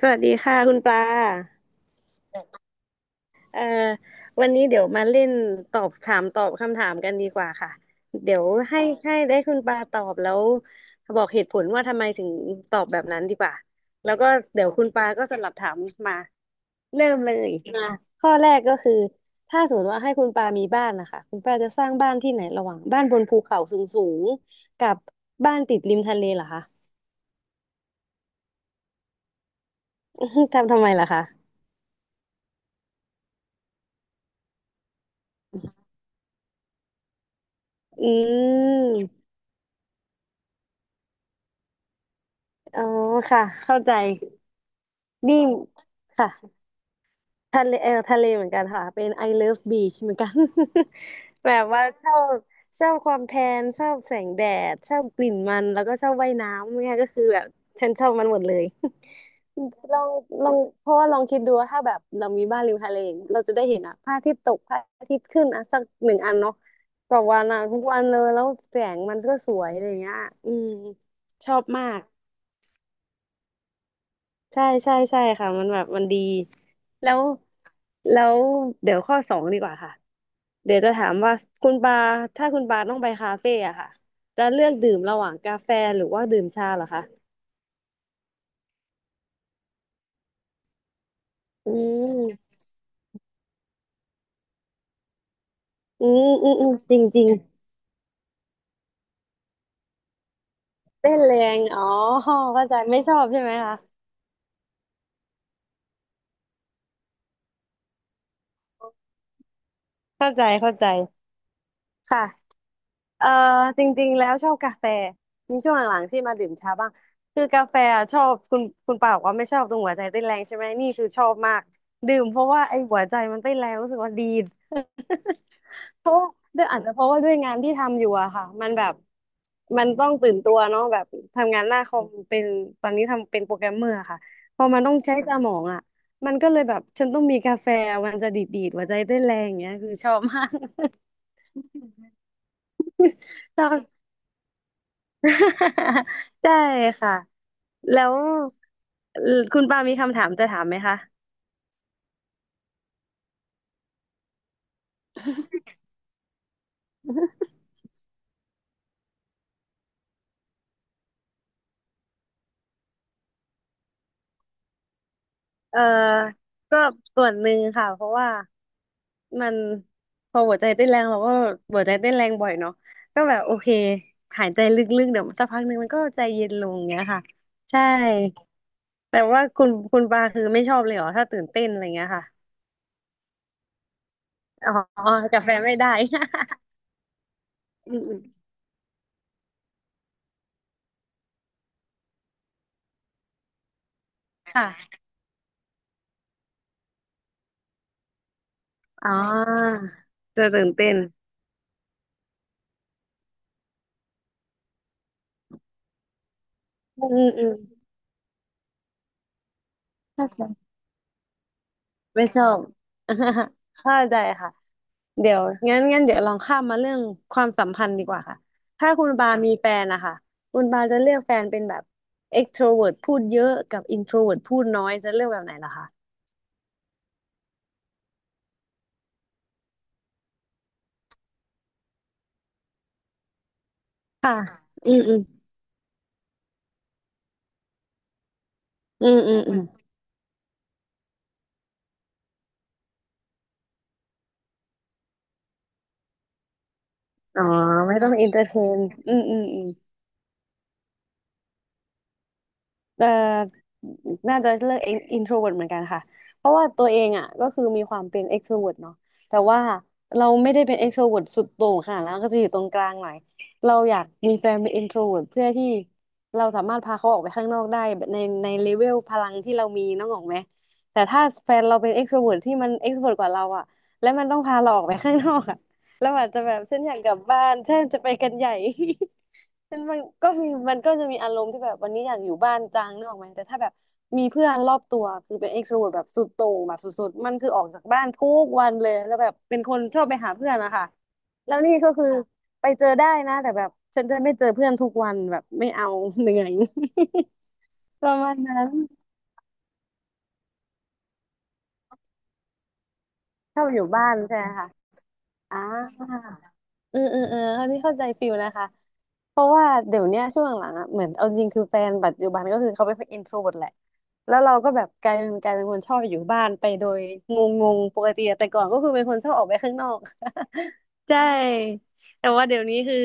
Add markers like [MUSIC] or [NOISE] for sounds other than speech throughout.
สวัสดีค่ะคุณปลาเอ่อวันนี้เดี๋ยวมาเล่นตอบถามตอบคำถามกันดีกว่าค่ะเดี๋ยวให้ได้คุณปลาตอบแล้วบอกเหตุผลว่าทำไมถึงตอบแบบนั้นดีกว่า แล้วก็เดี๋ยวคุณปลาก็สลับถามมาเริ่มเลยมาข้อแรกก็คือถ้าสมมติว่าให้คุณปลามีบ้านนะคะคุณปลาจะสร้างบ้านที่ไหนระหว่างบ้านบนภูเขาสูงสูงกับบ้านติดริมทะเลเหรอคะ [LAUGHS] อื้อหือทำไมล่ะคะอืมอ๋อค่ะเข้าใจ นี่ค่ะทะเลทะเลเหมือนกันค่ะเป็น I love beach เหมือนกัน [LAUGHS] แบบว่าชอบชอบความแทนชอบแสงแดดชอบกลิ่นมันแล้วก็ชอบว่ายน้ำเนี่ยก็คือแบบฉันชอบมันหมดเลย [LAUGHS] ลองลองเพราะว่าลองคิดดูว่าถ้าแบบเรามีบ้านริมทะเลเราจะได้เห็นอะพระอาทิตย์ตกพระอาทิตย์ขึ้นอะสักหนึ่งอันเนาะต่อวันอ่ะทุกวันเลยแล้วแสงมันก็สวยอะไรอย่างเงี้ยอืมชอบมาก ใช่ใช่ใช่ค่ะมันแบบมันดีแล้วแล้วเดี๋ยวข้อสองดีกว่าค่ะเดี๋ยวจะถามว่าคุณปาถ้าคุณปาต้องไปคาเฟ่อะค่ะจะเลือกดื่มระหว่างกาแฟหรือว่าดื่มชาเหรอคะอืมอืมอืมอืมจริงจริงเต้นแรงอ๋อเข้าใจไม่ชอบใช่ไหมคะเข้าใจเข้าใจค่ะ เออจริงๆแล้วชอบกาแฟมีช่วงหลังๆที่มาดื่มชาบ้างคือกาแฟอะชอบคุณคุณป่าบอกว่าไม่ชอบตรงหัวใจเต้นแรงใช่ไหมนี่คือชอบมากดื่มเพราะว่าไอ้หัวใจมันเต้นแรงรู้สึกว่าดี [LAUGHS] เพราะว่าด้วยอาจจะเพราะว่าด้วยงานที่ทำอยู่อะค่ะมันแบบมันต้องตื่นตัวเนาะแบบทำงานหน้าคอมเป็นตอนนี้ทำเป็นโปรแกรมเมอร์ค่ะพอมันต้องใช้สมองอะมันเลยแบบฉันต้องมีกาแฟมันจะดีดๆหัวใจเต้นแรงอย่างเงี้ยคือชอบมาก [LAUGHS] ชอบ [LAUGHS] ใช่ค่ะแล้วเอ่อคุณปามีคำถามจะถามไหมคะเออก็ส่วนหนึ่งค่ะเพราะว่ามันพอหัวใจเต้นแรงเราก็หัวใจเต้นแรงบ่อยเนาะก็แบบโอเคหายใจลึกๆเดี๋ยวสักพักหนึ่งมันก็ใจเย็นลงเงี้ยค่ะใช่แต่ว่าคุณปาคือไม่ชอบเลยเหรอถ้าตื่นเต้นอะไรเงี้ยค่ะอ๋อกาแฟนไม่ได้ [LAUGHS] อืมๆค่ะอ๋อจะตื่นเต้นอืมอืมเข้าใจ ไม่ชอบ [LAUGHS] เข้าใจค่ะเดี๋ยวงั้นเดี๋ยวลองข้ามมาเรื่องความสัมพันธ์ดีกว่าค่ะถ้าคุณบาคมีแฟนนะคะคุณบาจะเลือกแฟนเป็นแบบ extrovert พูดเยอะกับ introvert พูดน้อยจะเลือกแบบไหนล่ะคะค่ะอืมอืมอืมอืมอืมอ๋อไม่ต้อง entertain อืมอืมอืม เอ่อน่าจะเลือก introvert เหมือนกันค่ะ เพราะว่าตัวเองอ่ะก็คือมีความเป็น e x t r o v e r t เนาะแต่ว่าเราไม่ได้เป็น extrovert สุดโต่งค่ะแล้วก็จะอยู่ตรงกลางหน่อยเราอยากมีแฟนเป็น i n t r o v e r t เพื่อที่เราสามารถพาเขาออกไปข้างนอกได้แบบในเลเวลพลังที่เรามีน้องออกไหมแต่ถ้าแฟนเราเป็น e x t r o v e r t ที่มัน e x t r o v e r t กว่าเราอ่ะและมันต้องพาเราออกไปข้างนอกอ่ะเราอาจจะแบบเช่นอยากกลับบ้านเช่นจะไปกันใหญ่ [LAUGHS] ซึ่งมันก็มีมันก็จะมีอารมณ์ที่แบบวันนี้อยากอยู่บ้านจังนึกออกไหมแต่ถ้าแบบมีเพื่อนรอบตัวคือเป็นเอ็กโทรเวิร์ตแบบสุดโต่งแบบสุดๆมันคือออกจากบ้านทุกวันเลยแล้วแบบเป็นคนชอบไปหาเพื่อนนะคะแล้วนี่ก็คือไปเจอได้นะแต่แบบฉันจะไม่เจอเพื่อนทุกวันแบบไม่เอา [LAUGHS] เหนื่อย [LAUGHS] ประมาณนั้นชอบอยู่บ้านใช่ไหมคะอ่าเออเออเออเขาที่เข้าใจฟิลนะคะ เพราะว่าเดี๋ยวเนี้ยช่วงหลังๆอ่ะเหมือนเอาจริงคือแฟนปัจจุบันก็คือเขาเป็นอินโทรเวิร์ตแหละแล้วเราก็แบบกลายเป็นคนชอบอยู่บ้านไปโดยงงๆปกติอะแต่ก่อนก็คือเป็นคนชอบออกไปข้างนอก [LAUGHS] ใช่แต่ว่าเดี๋ยวนี้คือ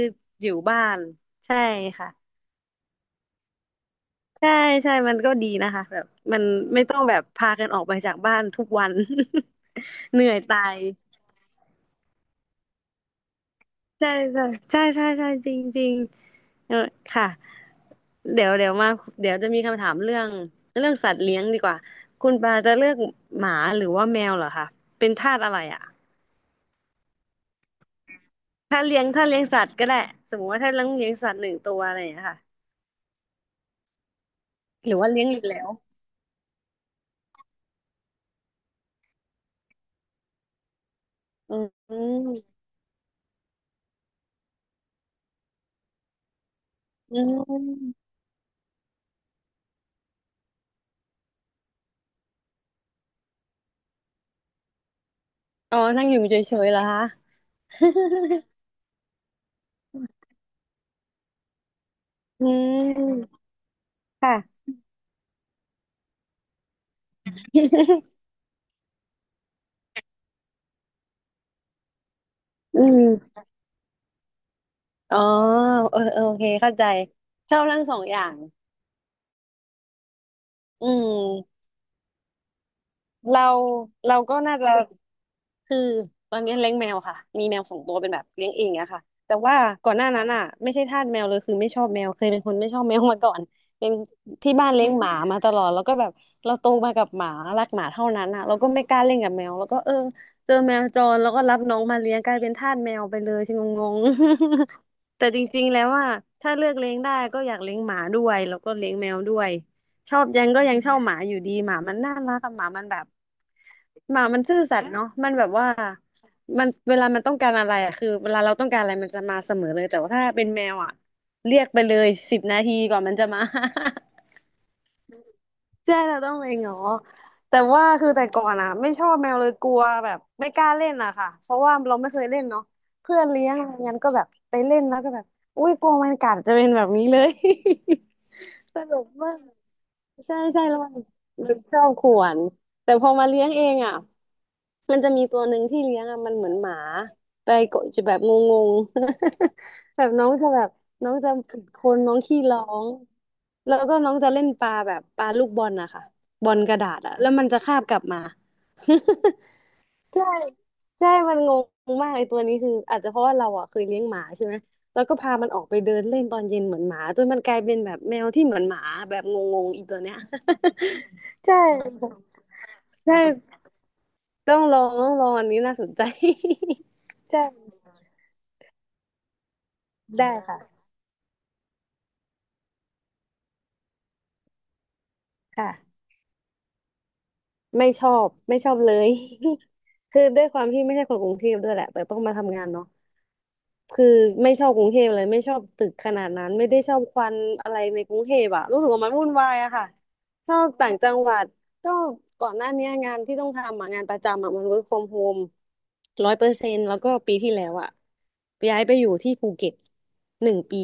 อยู่บ้านใช่ค่ะใช่ใช่มันก็ดีนะคะแบบมันไม่ต้องแบบพากันออกไปจากบ้านทุกวัน [LAUGHS] เหนื่อยตาย ใช่ใช่ใช่ใช่ใช่จริงจริงเออค่ะเดี๋ยวเดี๋ยวมาเดี๋ยวจะมีคำถามเรื่องสัตว์เลี้ยงดีกว่าคุณปาจะเลือกหมาหรือว่าแมวเหรอคะเป็นทาสอะไรอ่ะถ้าเลี้ยงสัตว์ก็ได้สมมติว่าถ้าเลี้ยงสัตว์1 ตัวอะไรอย่างเงี้ยค่ะหรือว่าเลี้ยงอีกแล้วอืมอืมอ๋อนั่งอยู่เฉยๆเหรอคะ [LAUGHS] อืมค่ะ [LAUGHS] อืมอ๋อเออเออโอเคเข้าใจชอบทั้งสองอย่างอืม เราเราก็น่าจะคือตอนนี้เลี้ยงแมวค่ะมีแมว2 ตัวเป็นแบบเลี้ยงเองอะค่ะแต่ว่าก่อนหน้านั้นอะไม่ใช่ทาสแมวเลยคือไม่ชอบแมวเคยเป็นคนไม่ชอบแมวมาก่อนเป็นที่บ้านเลี้ยงหมามาตลอดแล้วก็แบบเราโตมากับหมารักหมาเท่านั้นอะเราก็ไม่กล้าเล่นกับแมวแล้วก็เออเจอแมวจรแล้วก็รับน้องมาเลี้ยงกลายเป็นทาสแมวไปเลยชิงงงๆ [LAUGHS] แต่จริงๆแล้วอะถ้าเลือกเลี้ยงได้ก็อยากเลี้ยงหมาด้วยแล้วก็เลี้ยงแมวด้วย ชอบยังก็ยังชอบหมาอยู่ดีหมามันน่ารักอะหมามันแบบหมามันซื่อสัตย์เนาะมันแบบว่ามันเวลามันต้องการอะไรอะคือเวลาเราต้องการอะไรมันจะมาเสมอเลยแต่ว่าถ้าเป็นแมวอะเรียกไปเลยสิบนาทีกว่ามันจะมา [LAUGHS] ใช่เราต้องไปหงอแต่ว่าคือแต่ก่อนอะไม่ชอบแมวเลยกลัวแบบไม่กล้าเล่นอะค่ะเพราะว่าเราไม่เคยเล่นเนาะเพื่อนเลี้ยงอะไรงั้นก็แบบไปเล่นแล้วก็แบบอุ้ยกลัวมันกัดจะเป็นแบบนี้เลย [LAUGHS] ตลกมาก ใช่ใช่แล้วมันชอบข่วนแต่พอมาเลี้ยงเองอ่ะมันจะมีตัวหนึ่งที่เลี้ยงอ่ะมันเหมือนหมาไปกดจะแบบงงๆ [LAUGHS] แบบน้องจะแบบน้องจะกัดคนน้องขี้ร้องแล้วก็น้องจะเล่นปลาแบบปลาลูกบอลนะคะบอลกระดาษอ่ะแล้วมันจะคาบกลับมา [LAUGHS] ใช่ใช่มันงงมากไอ้ตัวนี้คืออาจจะเพราะว่าเราอ่ะเคยเลี้ยงหมาใช่ไหมแล้วก็พามันออกไปเดินเล่นตอนเย็นเหมือนหมาจนมันกลายเป็นแบบแมวที่เหมือนหมาแบบงงๆอีตัวเนี้ย [LAUGHS] ใช่ใช่ต้องลองอันนี้น่าสนใจ [LAUGHS] ใช่ได้ค่ะค่ะไม่ชอบไม่ชอบเลย [LAUGHS] คือด้วยความที่ไม่ใช่คนกรุงเทพด้วยแหละแต่ต้องมาทำงานเนาะ คือไม่ชอบกรุงเทพเลยไม่ชอบตึกขนาดนั้นไม่ได้ชอบควันอะไรในกรุงเทพอะรู้สึกว่ามันวุ่นวายอะค่ะชอบต่างจังหวัดก็ก่อนหน้าเนี้ยงานที่ต้องทำอะงานประจำอะมัน work from home 100%แล้วก็ปีที่แล้วอะย้ายไปอยู่ที่ภูเก็ต1 ปี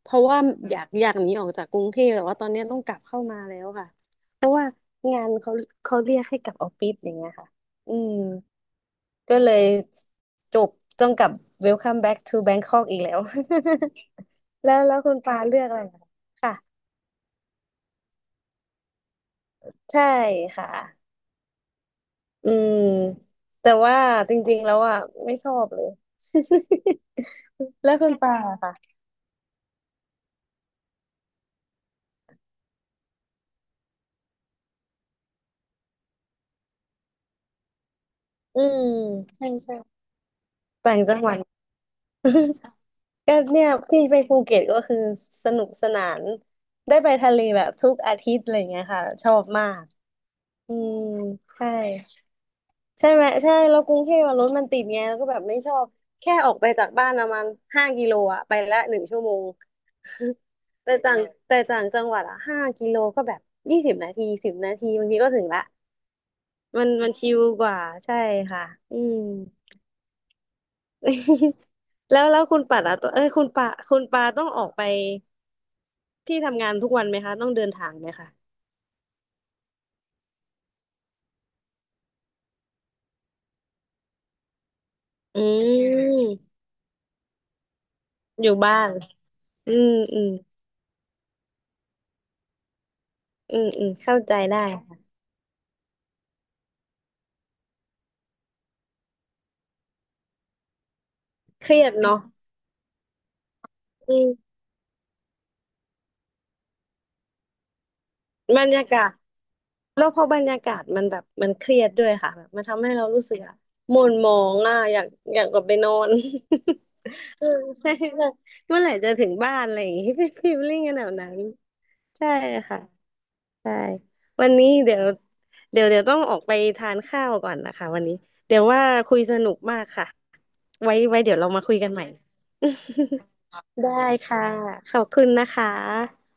เพราะว่าอยากอยากหนีออกจากกรุงเทพแต่ว่าตอนเนี้ยต้องกลับเข้ามาแล้วค่ะเพราะว่างานเขาเรียกให้กลับออฟฟิศอย่างเงี้ยค่ะอืม ก็เลยจบต้องกลับ Welcome back to Bangkok อีกแล้ว [LAUGHS] แล้วคุณปาเลือกอะไรเหรอค่ะ ใช่ค่ะ อืมแต่ว่าจริงๆ แล้วอ่ะไม่ชอบเลย [LAUGHS] แล้วคุณปาอะค่ะ อืมใช่ใช่ต่างจังหวัด [LAUGHS] ก็เนี่ยที่ไปภูเก็ตก็คือสนุกสนาน ได้ไปทะเลแบบทุกอาทิตย์อะไรเงี้ยค่ะชอบมาก อืมใช่ ใช่ไหมใช่แล้วกรุงเทพอะรถมันติดไงแล้วก็แบบไม่ชอบแค่ออกไปจากบ้านประมาณห้ากิโลอะไปละ1 ชั่วโมง [LAUGHS] แต่ต่างแต่ต่างจังหวัดอะห้ากิโลก็แบบ20 นาทีสิบนาทีบางทีก็ถึงละมันชิลกว่าใช่ค่ะอืม [LAUGHS] แล้วคุณปัดอะตัวเอ้ยคุณปาต้องออกไปที่ทำงานทุกวันไหมคะต้องเดินทางไหมคะอืมอยู่บ้านอืมอืมอืมอืมเข้าใจได้ค่ะเครียดเนาะ บรรยากาศแล้วพอบรรยากาศมันแบบมันเครียดด้วยค่ะแบบมันทำให้เรารู้สึกอะหม่นหมองอ่ะอยากอยากกลับไปนอน [LAUGHS] เออใช่เลยเมื่อไหร่จะถึงบ้านอะไรอย่างงี้ [LAUGHS] เป็นฟีลลิ่งกันแบบนั้นใช่ค่ะใช่วันนี้เดี๋ยวต้องออกไปทานข้าวก่อนนะคะวันนี้เดี๋ยวว่าคุยสนุกมากค่ะไว้ไว้เดี๋ยวเรามาคุยกันใหม่ [LAUGHS] ได้ค่ะขอบคุณนะคะ